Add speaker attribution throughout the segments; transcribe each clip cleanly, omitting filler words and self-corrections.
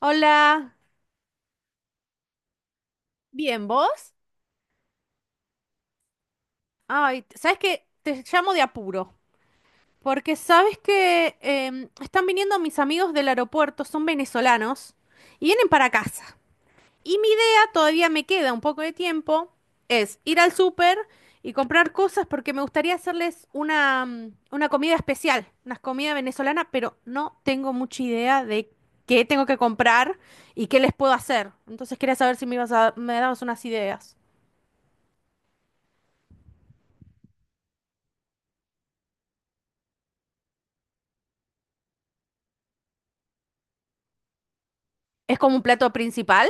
Speaker 1: Hola, bien, ¿vos? Ay, ¿sabes qué? Te llamo de apuro, porque sabes que están viniendo mis amigos del aeropuerto, son venezolanos, y vienen para casa. Y mi idea, todavía me queda un poco de tiempo, es ir al súper y comprar cosas porque me gustaría hacerles una comida especial, una comida venezolana, pero no tengo mucha idea de qué tengo que comprar y qué les puedo hacer. Entonces quería saber si me dabas unas ideas. ¿Es como un plato principal?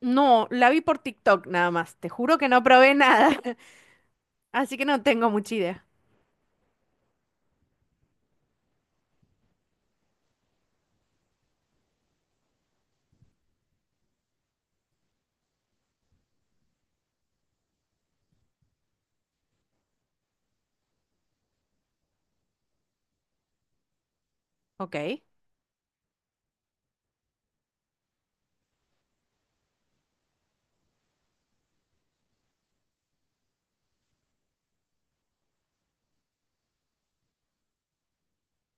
Speaker 1: No, la vi por TikTok nada más. Te juro que no probé nada. Así que no tengo mucha idea. Ok.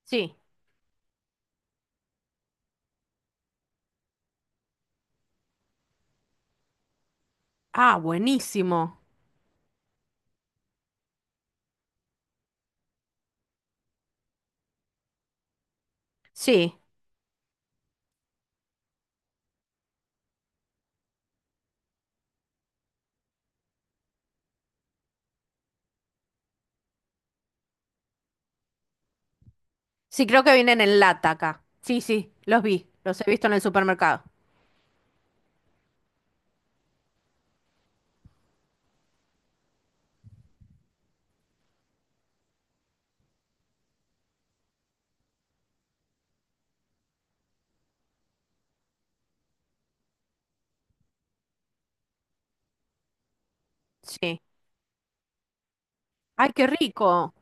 Speaker 1: Sí. Ah, buenísimo. Sí. Sí, creo que vienen en lata acá. Sí, sí, los vi. Los he visto en el supermercado. Sí. Ay, qué rico.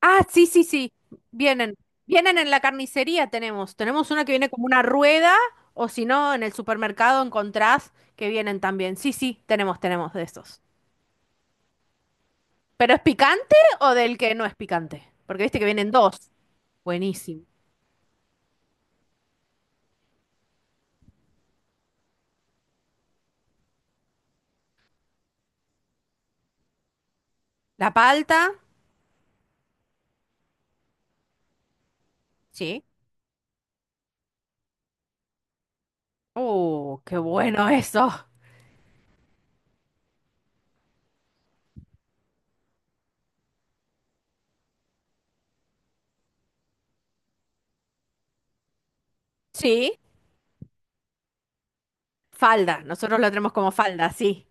Speaker 1: Ah, sí, sí, sí. Vienen. Vienen en la carnicería tenemos. Tenemos una que viene como una rueda, o si no, en el supermercado encontrás que vienen también. Sí, sí, tenemos, tenemos de estos. ¿Pero es picante o del que no es picante? Porque viste que vienen dos. Buenísimo. La palta. Sí. Oh, qué bueno eso. Sí, falda, nosotros lo tenemos como falda, sí.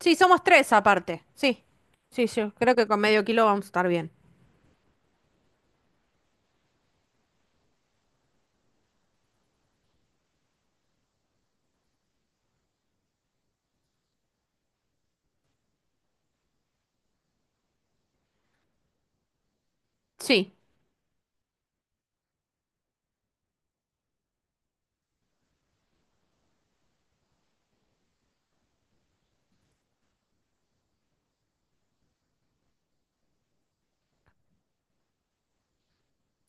Speaker 1: Sí, somos tres aparte, sí. Sí, yo creo que con medio kilo vamos a estar bien. Sí,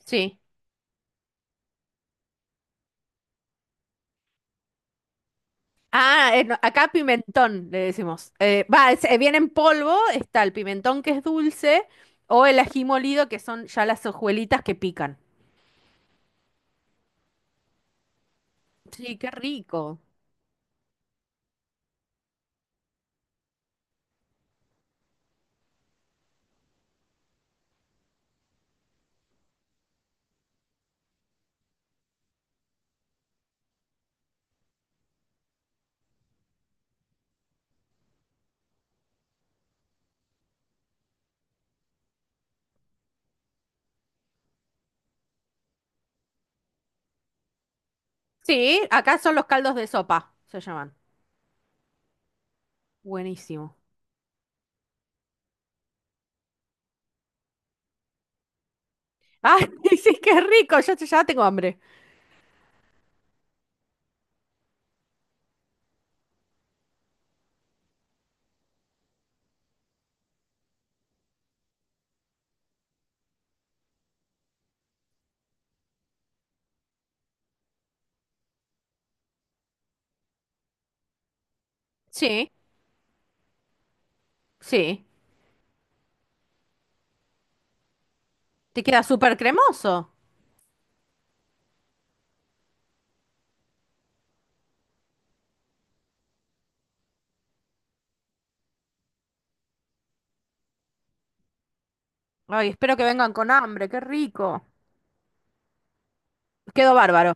Speaker 1: sí. Ah, no, acá pimentón le decimos. Viene en polvo, está el pimentón que es dulce o el ají molido que son ya las hojuelitas que pican. Sí, qué rico. Sí, acá son los caldos de sopa, se llaman. Buenísimo. Ay, sí, qué rico, ya, ya tengo hambre. Sí, sí. Te queda súper cremoso. Ay, espero que vengan con hambre, qué rico. Quedó bárbaro.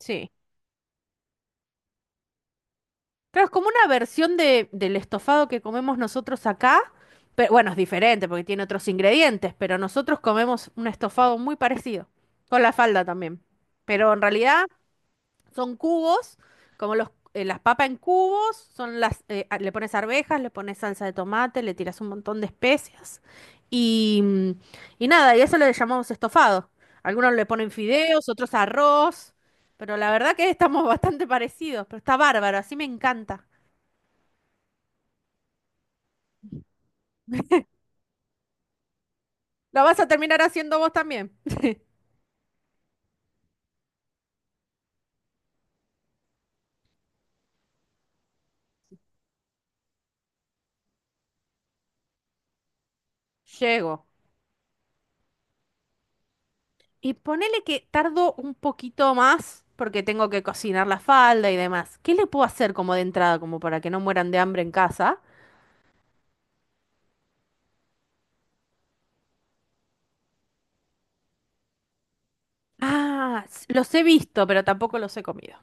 Speaker 1: Sí. Claro, es como una versión de, del estofado que comemos nosotros acá, pero bueno, es diferente porque tiene otros ingredientes, pero nosotros comemos un estofado muy parecido, con la falda también. Pero en realidad son cubos, como los, las papas en cubos, son le pones arvejas, le pones salsa de tomate, le tiras un montón de especias y, mm, y nada, y eso le llamamos estofado. Algunos le ponen fideos, otros arroz, pero la verdad que estamos bastante parecidos, pero está bárbaro, así me encanta. ¿La vas a terminar haciendo vos también? Llego. Y ponele que tardo un poquito más porque tengo que cocinar la falda y demás. ¿Qué le puedo hacer como de entrada, como para que no mueran de hambre en casa? Ah, los he visto, pero tampoco los he comido.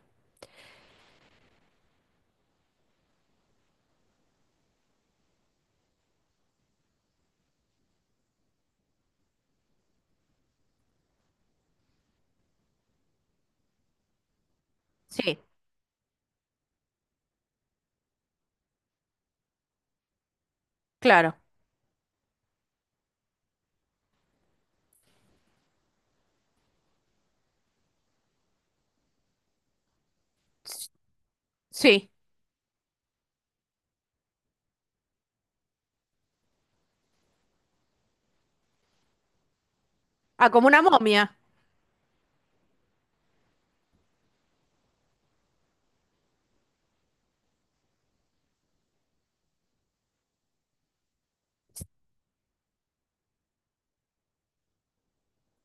Speaker 1: Sí, claro. S- Sí. Ah, como una momia.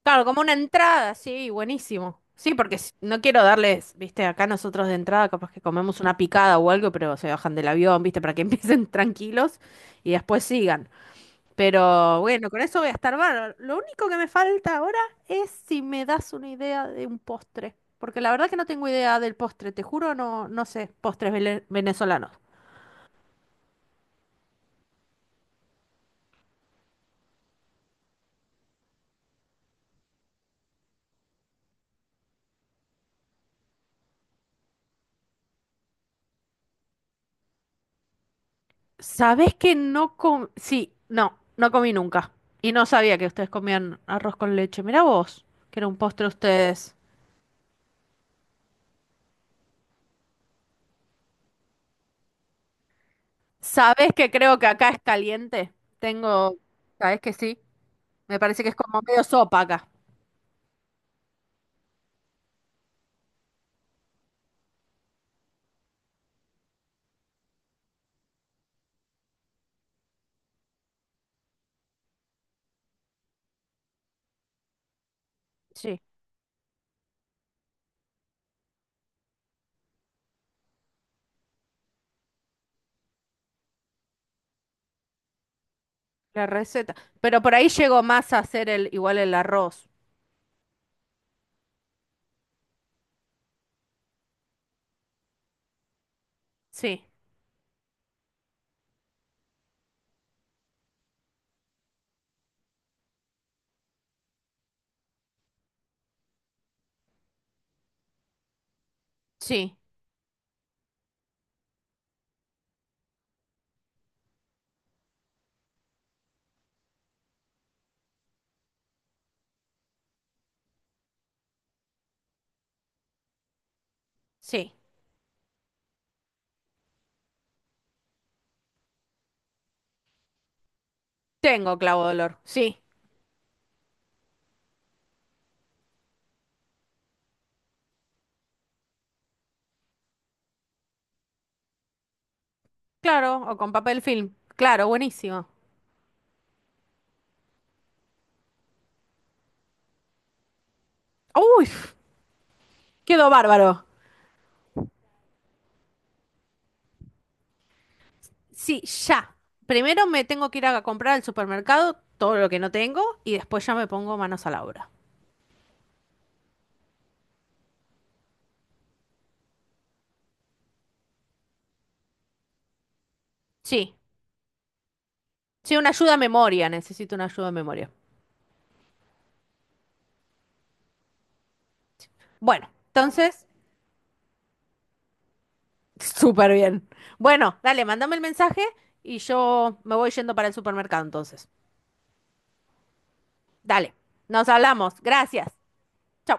Speaker 1: Claro, como una entrada, sí, buenísimo. Sí, porque no quiero darles, viste, acá nosotros de entrada capaz que comemos una picada o algo, pero se bajan del avión, viste, para que empiecen tranquilos y después sigan. Pero bueno, con eso voy a estar bárbaro. Lo único que me falta ahora es si me das una idea de un postre. Porque la verdad que no tengo idea del postre, te juro, no, no sé, postres venezolanos. ¿Sabés que no com... Sí, no, no comí nunca. Y no sabía que ustedes comían arroz con leche. Mirá vos, que era un postre ustedes. ¿Sabés que creo que acá es caliente? Tengo... ¿Sabés que sí? Me parece que es como medio sopa acá. Sí, la receta. Pero por ahí llegó más a hacer el igual el arroz. Sí, sí, sí. Tengo clavo de olor. Sí, claro, o con papel film. Claro, buenísimo. Uy, quedó bárbaro. Sí, ya. Primero me tengo que ir a comprar al supermercado todo lo que no tengo y después ya me pongo manos a la obra. Sí, sí, una ayuda a memoria, necesito una ayuda a memoria. Bueno, entonces, súper bien. Bueno, dale, mándame el mensaje y yo me voy yendo para el supermercado entonces. Dale, nos hablamos. Gracias. Chau.